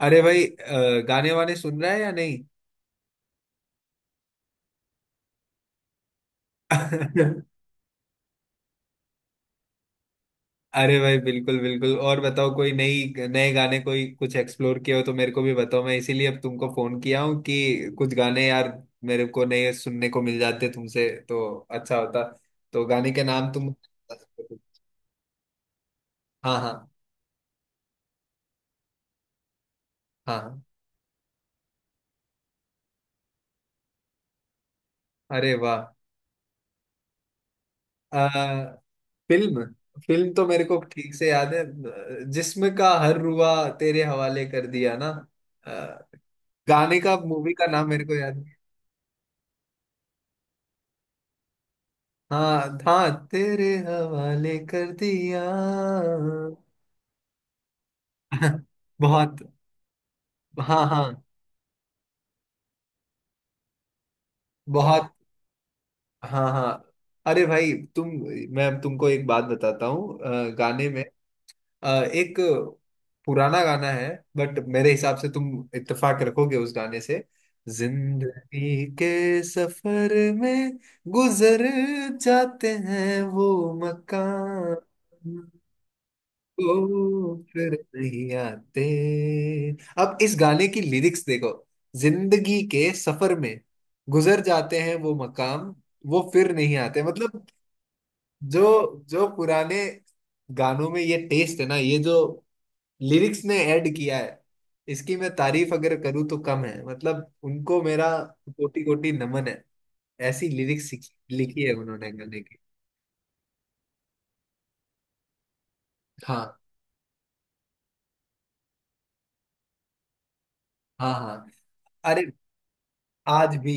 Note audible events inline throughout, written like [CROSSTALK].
अरे भाई गाने वाने सुन रहा है या नहीं। [LAUGHS] अरे भाई बिल्कुल बिल्कुल, और बताओ कोई नई नए गाने कोई कुछ एक्सप्लोर किया हो तो मेरे को भी बताओ। मैं इसीलिए अब तुमको फोन किया हूँ कि कुछ गाने यार मेरे को नए सुनने को मिल जाते तुमसे तो अच्छा होता। तो गाने के नाम तुम बता सकते हो। हाँ हाँ। हाँ हाँ। अरे वाह। अ, फिल्म, फिल्म तो मेरे को ठीक से याद है। जिस्म का हर रुआ तेरे हवाले कर दिया ना। अ, गाने का मूवी का नाम मेरे को याद। हाँ था। तेरे हवाले कर दिया। [LAUGHS] बहुत। हाँ हाँ। बहुत। हाँ हाँ। अरे भाई तुम, मैं अब तुमको एक बात बताता हूँ। गाने में अ, एक पुराना गाना है। बट मेरे हिसाब से तुम इत्तेफाक रखोगे उस गाने से। जिंदगी के सफर में गुजर जाते हैं वो मकान। ओ फिर नहीं आते। अब इस गाने की लिरिक्स देखो। जिंदगी के सफर में गुजर जाते हैं वो मकाम। वो फिर नहीं आते। मतलब जो जो पुराने गानों में ये टेस्ट है ना, ये जो लिरिक्स ने ऐड किया है, इसकी मैं तारीफ अगर करूँ तो कम है। मतलब उनको मेरा कोटि कोटि नमन है। ऐसी लिरिक्स लिखी है उन्होंने गाने की। हाँ हाँ हाँ। अरे आज भी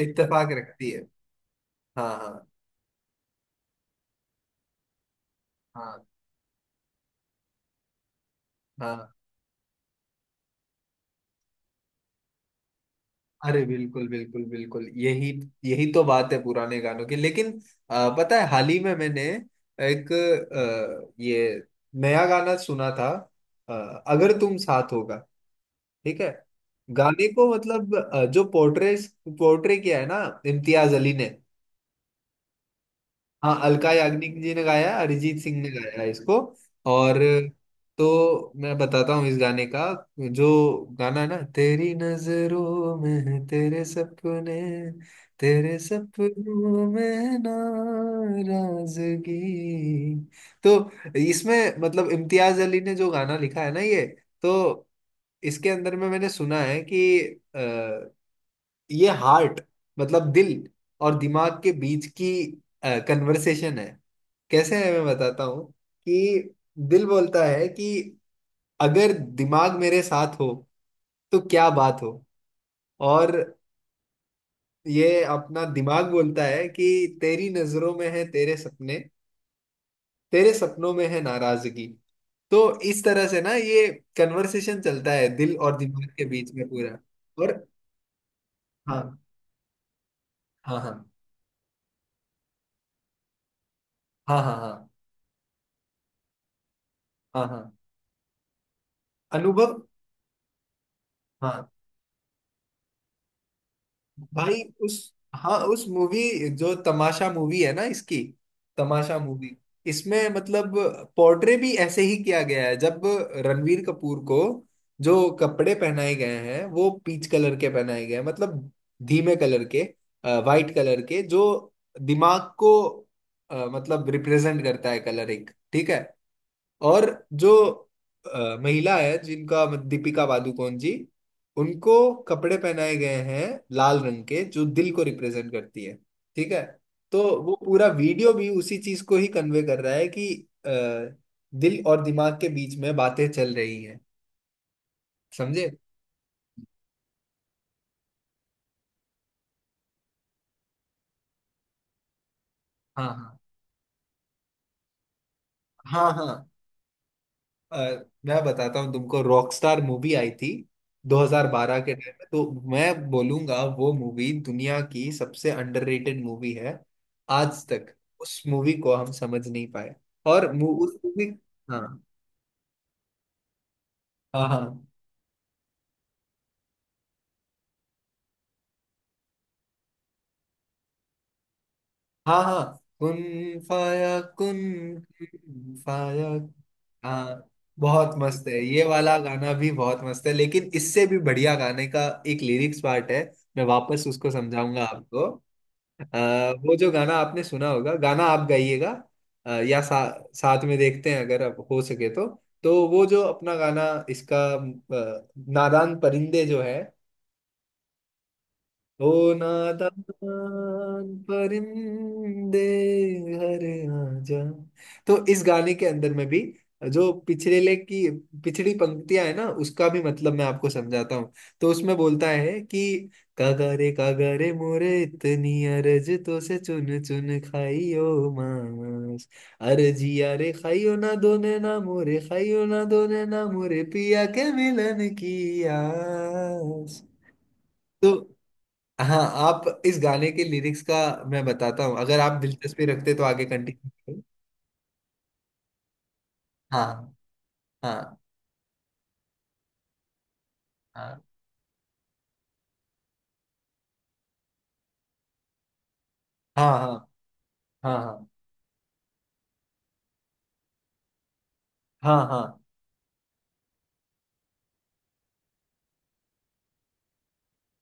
इत्तेफाक रखती है। हाँ हाँ हाँ हाँ। अरे बिल्कुल बिल्कुल बिल्कुल, यही यही तो बात है पुराने गानों की। लेकिन पता है हाल ही में मैंने एक ये नया गाना सुना था। अ, अगर तुम साथ होगा, ठीक है। गाने को मतलब जो पोर्ट्रे, पोर्ट्रे किया है ना इम्तियाज अली ने। हाँ अलका याग्निक जी ने गाया, अरिजीत सिंह ने गाया है इसको। और तो मैं बताता हूँ इस गाने का जो गाना है ना, तेरी नजरों में है तेरे सपने, तेरे सपनों में नाराजगी। तो इसमें मतलब इम्तियाज अली ने जो गाना लिखा है ना, ये तो इसके अंदर में मैंने सुना है कि अ, ये हार्ट मतलब दिल और दिमाग के बीच की कन्वर्सेशन है। कैसे है मैं बताता हूँ। कि दिल बोलता है कि अगर दिमाग मेरे साथ हो तो क्या बात हो। और ये अपना दिमाग बोलता है कि तेरी नजरों में है तेरे सपने, तेरे सपनों में है नाराजगी। तो इस तरह से ना ये कन्वर्सेशन चलता है दिल और दिमाग के बीच में पूरा। और हाँ हाँ हाँ। हाँ हाँ हाँ। हाँ हाँ। अनुभव। हाँ भाई, उस हाँ उस मूवी जो तमाशा मूवी है ना इसकी, तमाशा मूवी, इसमें मतलब पोर्ट्रे भी ऐसे ही किया गया है। जब रणवीर कपूर को जो कपड़े पहनाए गए हैं वो पीच कलर के पहनाए गए हैं, मतलब धीमे कलर के, वाइट कलर के, जो दिमाग को मतलब रिप्रेजेंट करता है कलर एक, ठीक है। और जो महिला है जिनका दीपिका पादुकोण जी, उनको कपड़े पहनाए गए हैं लाल रंग के जो दिल को रिप्रेजेंट करती है, ठीक है। तो वो पूरा वीडियो भी उसी चीज को ही कन्वे कर रहा है कि अ, दिल और दिमाग के बीच में बातें चल रही हैं, समझे। हाँ हाँ हाँ हाँ। अ, मैं बताता हूँ तुमको रॉकस्टार मूवी आई थी 2012 के टाइम में। तो मैं बोलूंगा वो मूवी दुनिया की सबसे अंडररेटेड मूवी है आज तक। उस मूवी को हम समझ नहीं पाए। और उस मूवी हाँ हाँ हाँ हाँ हाँ। कुन फाया कुन। कुन फाया। हाँ बहुत मस्त है ये वाला गाना भी बहुत मस्त है, लेकिन इससे भी बढ़िया गाने का एक लिरिक्स पार्ट है। मैं वापस उसको समझाऊंगा आपको। अ, वो जो गाना आपने सुना होगा, गाना आप गाइएगा या साथ में देखते हैं अगर आप हो सके तो। तो वो जो अपना गाना, इसका नादान परिंदे जो है, ओ नादान परिंदे हर आजा। तो इस गाने के अंदर में भी जो पिछले की, पिछड़ी पंक्तियां है ना, उसका भी मतलब मैं आपको समझाता हूँ। तो उसमें बोलता है कि कागरे कागरे मोरे इतनी अरज तो से चुन चुन खाइयो मांस, अरजिया रे खाइयो ना दोने ना मोरे, खाइयो ना दोने ना मोरे पिया के मिलन की आस। तो हाँ आप इस गाने के लिरिक्स का मैं बताता हूँ। अगर आप दिलचस्पी रखते तो आगे कंटिन्यू करें। हाँ हाँ हाँ। हाँ हाँ हाँ। हाँ हाँ हाँ।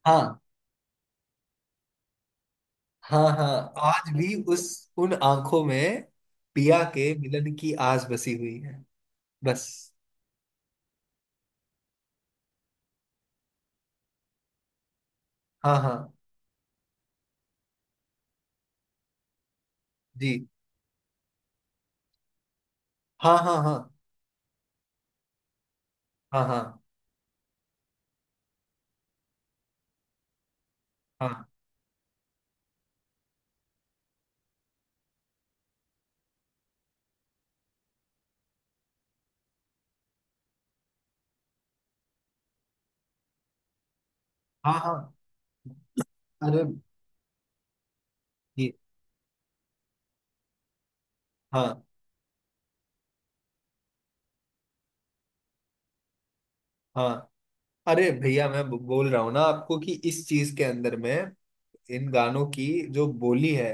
हाँ हाँ हाँ। हाँ, आज भी उस उन आंखों में पिया के मिलन की आस बसी हुई है, बस। हाँ हाँ जी। हाँ हाँ। हाँ हाँ। हाँ हाँ। हाँ हाँ। अरे जी। हाँ हाँ। अरे भैया मैं बोल रहा हूँ ना आपको कि इस चीज के अंदर में इन गानों की जो बोली है,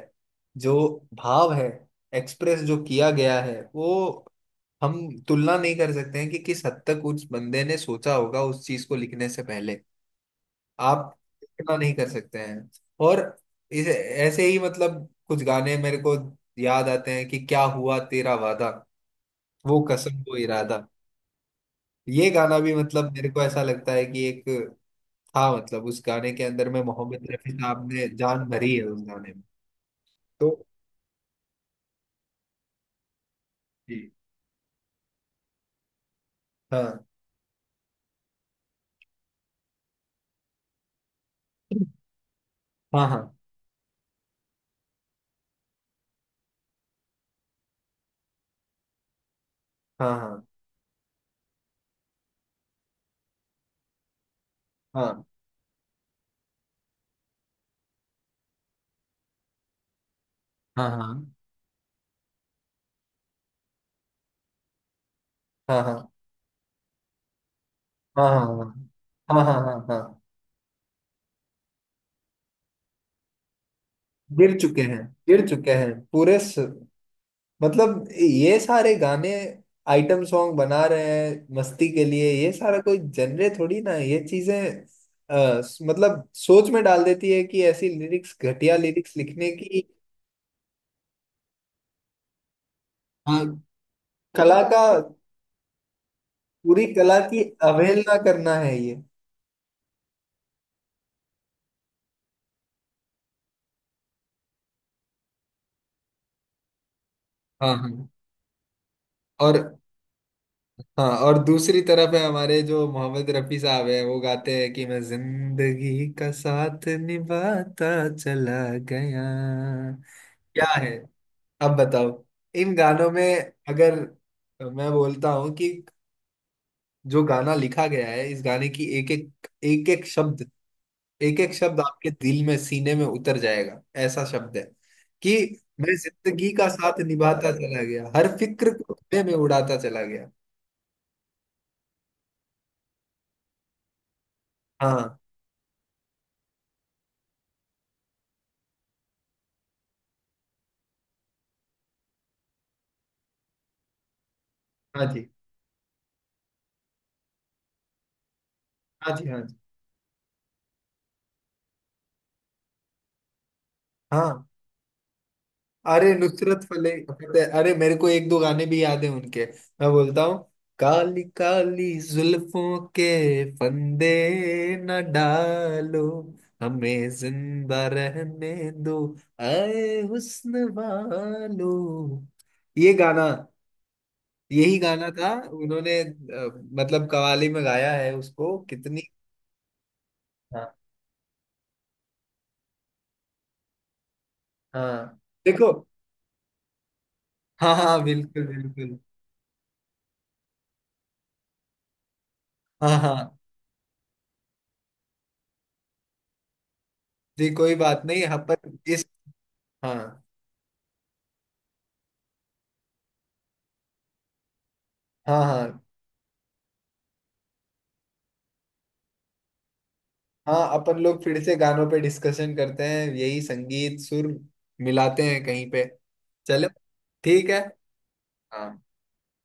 जो भाव है, एक्सप्रेस जो किया गया है, वो हम तुलना नहीं कर सकते हैं कि किस हद तक उस बंदे ने सोचा होगा उस चीज को लिखने से पहले। आप तुलना नहीं कर सकते हैं। और इस ऐसे ही मतलब कुछ गाने मेरे को याद आते हैं कि क्या हुआ तेरा वादा, वो कसम वो इरादा। ये गाना भी मतलब मेरे को ऐसा लगता है कि एक था, मतलब उस गाने के अंदर में मोहम्मद रफी साहब ने जान भरी है उस गाने में। तो जी हाँ हाँ हाँ। हाँ हाँ हाँ हाँ। हाँ हाँ हाँ हाँ। हाँ हाँ हाँ हाँ। हाँ, गिर चुके हैं, गिर चुके हैं पूरे मतलब ये सारे गाने आइटम सॉन्ग बना रहे हैं मस्ती के लिए, ये सारा कोई जनरे थोड़ी ना है, ये चीजें मतलब सोच में डाल देती है कि ऐसी लिरिक्स, घटिया लिरिक्स लिखने की। हाँ कला का, पूरी कला की अवहेलना करना है ये। हाँ हाँ। और हाँ, और दूसरी तरफ है हमारे जो मोहम्मद रफी साहब है, वो गाते हैं कि मैं जिंदगी का साथ निभाता चला गया। क्या है, अब बताओ इन गानों में। अगर मैं बोलता हूँ कि जो गाना लिखा गया है, इस गाने की एक एक एक एक शब्द, एक एक शब्द आपके दिल में सीने में उतर जाएगा, ऐसा शब्द है कि मैं जिंदगी का साथ निभाता चला गया, हर फिक्र को धुएं में उड़ाता चला गया। हाँ हाँ जी। हाँ जी। हाँ जी। हाँ अरे नुसरत फले फतेह, अरे मेरे को एक दो गाने भी याद है उनके। मैं बोलता हूँ, काली काली जुल्फों के फंदे न डालो, हमें जिंदा रहने दो आए हुस्न वालो, ये गाना, यही गाना था। उन्होंने मतलब कवाली में गाया है उसको कितनी। हाँ हाँ। देखो, हाँ हाँ बिल्कुल बिल्कुल। हाँ हाँ जी, कोई बात नहीं यहाँ पर इस हाँ हाँ। हाँ हाँ अपन लोग फिर से गानों पे डिस्कशन करते हैं, यही संगीत सुर मिलाते हैं कहीं पे, चलो ठीक है। हाँ।